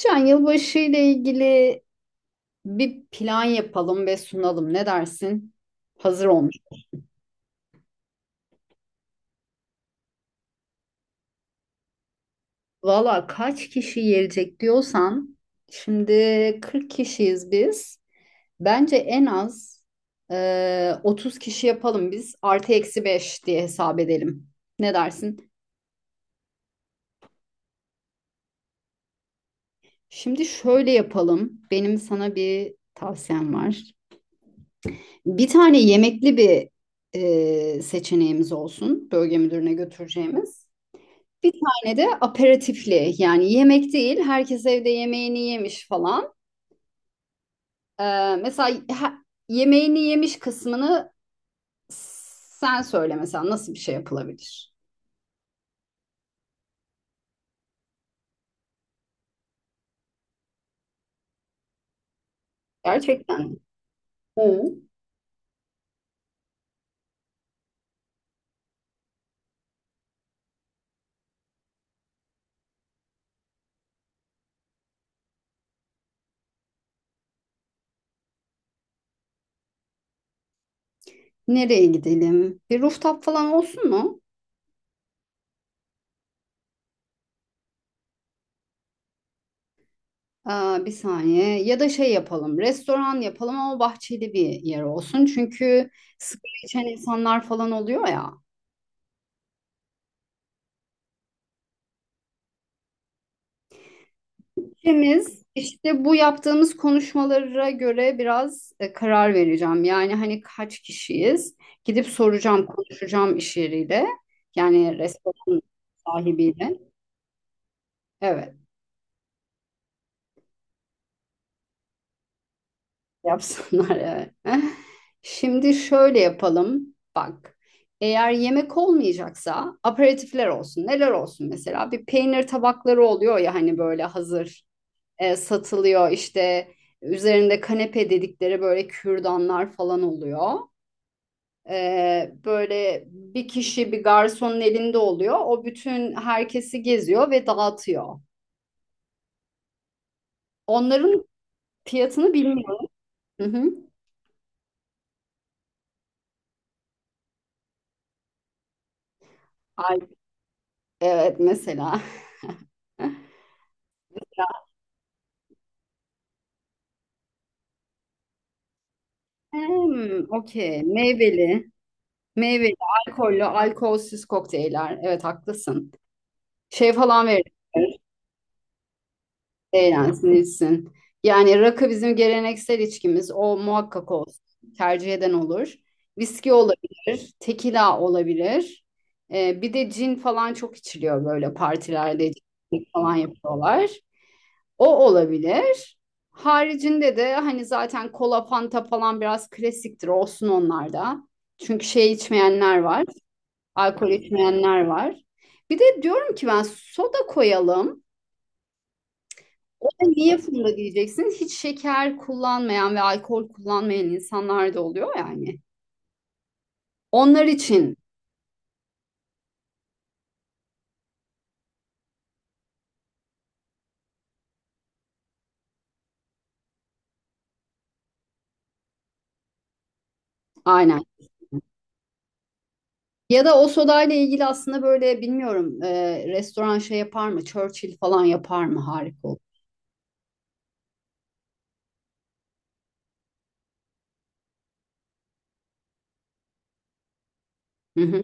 Şu an yılbaşı ile ilgili bir plan yapalım ve sunalım. Ne dersin? Hazır olmuş. Valla kaç kişi gelecek diyorsan, şimdi 40 kişiyiz biz. Bence en az 30 kişi yapalım biz. Artı eksi 5 diye hesap edelim. Ne dersin? Şimdi şöyle yapalım. Benim sana bir tavsiyem var. Bir tane yemekli bir seçeneğimiz olsun. Bölge müdürüne götüreceğimiz. Bir tane de aperatifli, yani yemek değil, herkes evde yemeğini yemiş falan. Mesela yemeğini yemiş kısmını sen söyle, mesela nasıl bir şey yapılabilir? Gerçekten. Hı. Nereye gidelim? Bir rooftop falan olsun mu? Bir saniye, ya da şey yapalım, restoran yapalım ama bahçeli bir yer olsun, çünkü sigara içen insanlar falan oluyor ya. İkimiz işte bu yaptığımız konuşmalara göre biraz karar vereceğim. Yani hani kaç kişiyiz? Gidip soracağım, konuşacağım iş yeriyle. Yani restoran sahibiyle. Evet, yapsınlar evet. Şimdi şöyle yapalım. Bak, eğer yemek olmayacaksa aperatifler olsun. Neler olsun mesela? Bir peynir tabakları oluyor ya, hani böyle hazır satılıyor. İşte üzerinde kanepe dedikleri böyle kürdanlar falan oluyor. Böyle bir kişi bir garsonun elinde oluyor. O bütün herkesi geziyor ve dağıtıyor. Onların fiyatını bilmiyorum. Hı hı. Ay, evet mesela. Hmm, okey. Meyveli, meyveli, alkollü, alkolsüz kokteyller. Evet, haklısın. Şey falan veriyor. Eğlensin. Yani rakı bizim geleneksel içkimiz. O muhakkak olsun. Tercih eden olur. Viski olabilir, tekila olabilir. Bir de cin falan çok içiliyor böyle partilerde, cin falan yapıyorlar. O olabilir. Haricinde de hani zaten kola, fanta falan biraz klasiktir. Olsun onlar da. Çünkü şey içmeyenler var. Alkol içmeyenler var. Bir de diyorum ki ben soda koyalım. Niye funda diyeceksin? Hiç şeker kullanmayan ve alkol kullanmayan insanlar da oluyor yani. Onlar için aynen. Ya da o sodayla ilgili aslında böyle bilmiyorum, restoran şey yapar mı? Churchill falan yapar mı? Harika olur. Hı hı.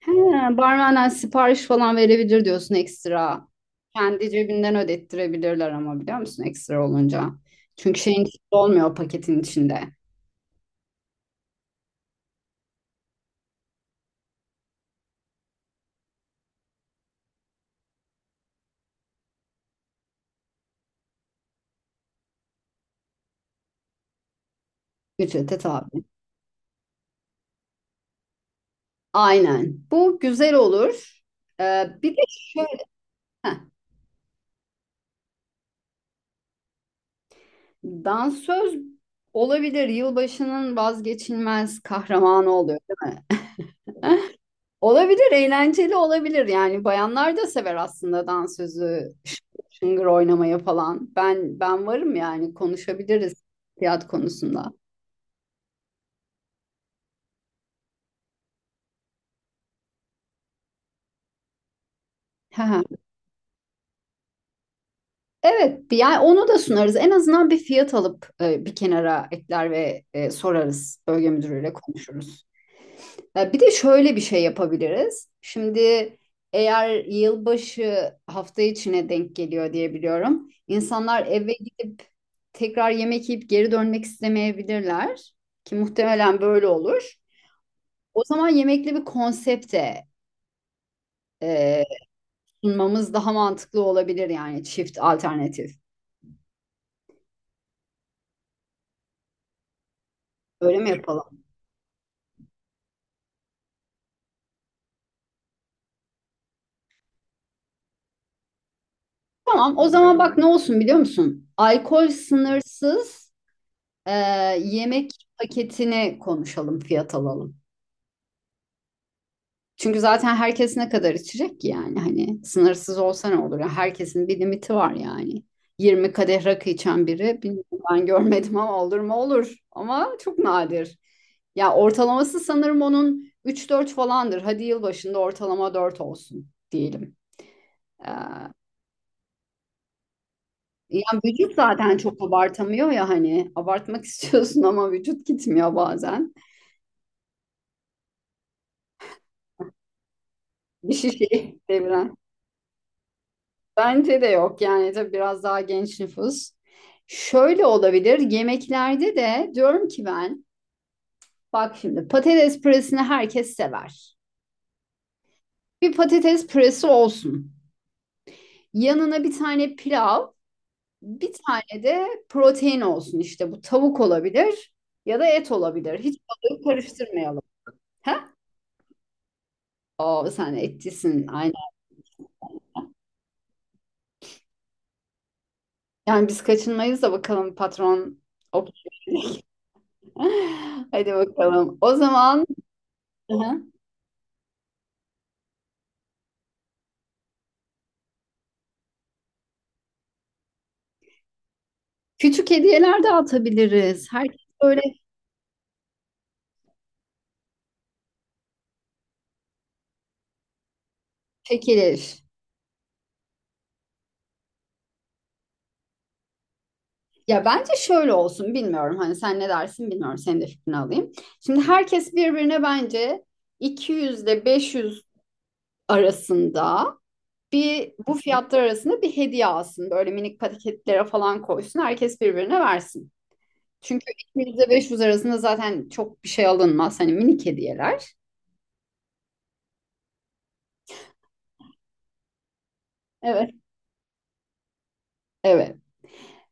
He, barmenden sipariş falan verebilir diyorsun, ekstra. Kendi cebinden ödettirebilirler ama, biliyor musun, ekstra olunca. Çünkü şeyin içinde olmuyor, paketin içinde. Ücrete tabi. Aynen. Bu güzel olur. Bir de Heh, dansöz olabilir. Yılbaşının vazgeçilmez kahramanı oluyor, değil mi? Olabilir, eğlenceli olabilir. Yani bayanlar da sever aslında dansözü, şıngır şıngır oynamayı falan. Ben varım yani, konuşabiliriz fiyat konusunda. Hı hı. Evet, yani onu da sunarız. En azından bir fiyat alıp bir kenara ekler ve sorarız. Bölge müdürüyle konuşuruz. Ya bir de şöyle bir şey yapabiliriz. Şimdi eğer yılbaşı hafta içine denk geliyor diye biliyorum. İnsanlar eve gidip tekrar yemek yiyip geri dönmek istemeyebilirler ki muhtemelen böyle olur. O zaman yemekli bir konsepte e, sunmamız daha mantıklı olabilir, yani çift alternatif. Öyle mi yapalım? Tamam, o zaman bak ne olsun biliyor musun? Alkol sınırsız, e, yemek paketini konuşalım, fiyat alalım. Çünkü zaten herkes ne kadar içecek ki yani, hani sınırsız olsa ne olur? Ya, herkesin bir limiti var yani. 20 kadeh rakı içen biri, bilmiyorum, ben görmedim ama olur mu olur. Ama çok nadir. Ya, ortalaması sanırım onun 3-4 falandır. Hadi yılbaşında ortalama 4 olsun diyelim. Ee, yani vücut zaten çok abartamıyor ya, hani abartmak istiyorsun ama vücut gitmiyor bazen. Bir şişeyi deviren. Bence de yok yani, tabii biraz daha genç nüfus. Şöyle olabilir yemeklerde de, diyorum ki ben, bak şimdi patates püresini herkes sever. Bir patates püresi olsun. Yanına bir tane pilav, bir tane de protein olsun, işte bu tavuk olabilir ya da et olabilir. Hiç balığı karıştırmayalım. He? Oo, sen etçisin aynen. Yani biz kaçınmayız da, bakalım patron. Hadi bakalım. O zaman. Hı hı. Küçük hediyeler dağıtabiliriz. Herkes böyle çekilir. Ya bence şöyle olsun, bilmiyorum. Hani sen ne dersin, bilmiyorum. Senin de fikrini alayım. Şimdi herkes birbirine bence 200 ile 500 arasında, bir bu fiyatlar arasında bir hediye alsın. Böyle minik paketlere falan koysun. Herkes birbirine versin. Çünkü 200 ile 500 arasında zaten çok bir şey alınmaz. Hani minik hediyeler. Evet. Evet.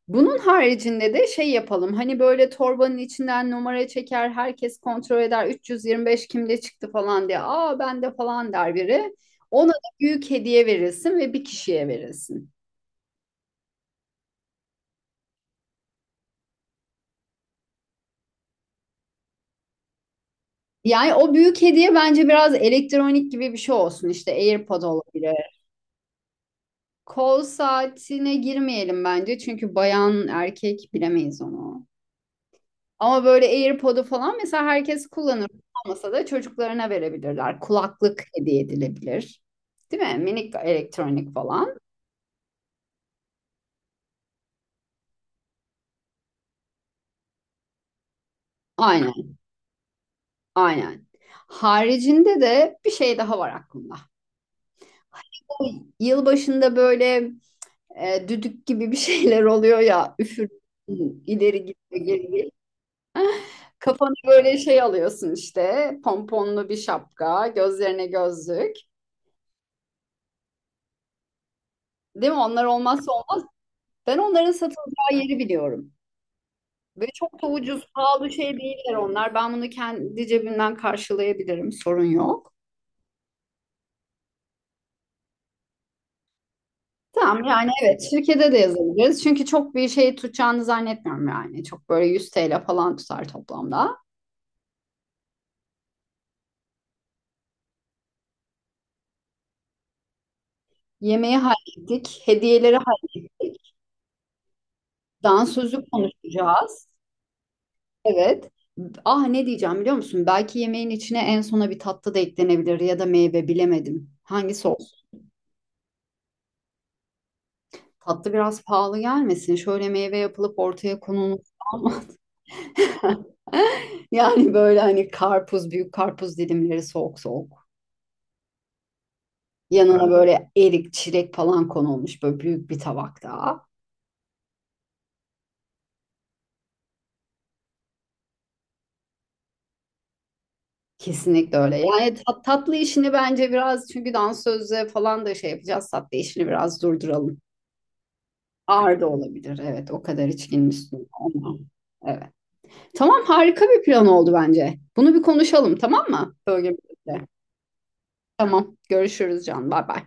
Bunun haricinde de şey yapalım. Hani böyle torbanın içinden numara çeker, herkes kontrol eder. 325 kimde çıktı falan diye. Aa, bende falan der biri. Ona da büyük hediye verilsin ve bir kişiye verilsin. Yani o büyük hediye bence biraz elektronik gibi bir şey olsun. İşte AirPod olabilir. Kol saatine girmeyelim bence. Çünkü bayan erkek bilemeyiz onu. Ama böyle AirPod'u falan mesela herkes kullanır. Olmasa da çocuklarına verebilirler. Kulaklık hediye edilebilir. Değil mi? Minik elektronik falan. Aynen, aynen. Haricinde de bir şey daha var aklımda. O yılbaşında böyle düdük gibi bir şeyler oluyor ya. Üfür, ileri git geri git. Kafanı böyle şey alıyorsun işte. Pomponlu bir şapka, gözlerine gözlük. Değil mi? Onlar olmazsa olmaz. Ben onların satılacağı yeri biliyorum. Ve çok da ucuz, pahalı şey değiller onlar. Ben bunu kendi cebimden karşılayabilirim, sorun yok. Tamam yani, evet, şirkete de yazabiliriz. Çünkü çok bir şey tutacağını zannetmiyorum yani. Çok böyle 100 TL falan tutar toplamda. Yemeği hallettik, hediyeleri hallettik. Dansözü konuşacağız. Evet. Ah, ne diyeceğim biliyor musun? Belki yemeğin içine en sona bir tatlı da eklenebilir ya da meyve, bilemedim. Hangisi olsun? Tatlı biraz pahalı gelmesin. Şöyle meyve yapılıp ortaya konulmuş. Yani böyle hani karpuz, büyük karpuz dilimleri soğuk soğuk. Yanına böyle erik, çilek falan konulmuş böyle büyük bir tabakta. Kesinlikle öyle. Yani tatlı işini bence biraz, çünkü dansözle falan da şey yapacağız. Tatlı işini biraz durduralım. Ağır da olabilir. Evet, o kadar içkinin üstüne. Ama, evet. Tamam, harika bir plan oldu bence. Bunu bir konuşalım, tamam mı? Bölgemizde. Tamam. Görüşürüz Can. Bay bay.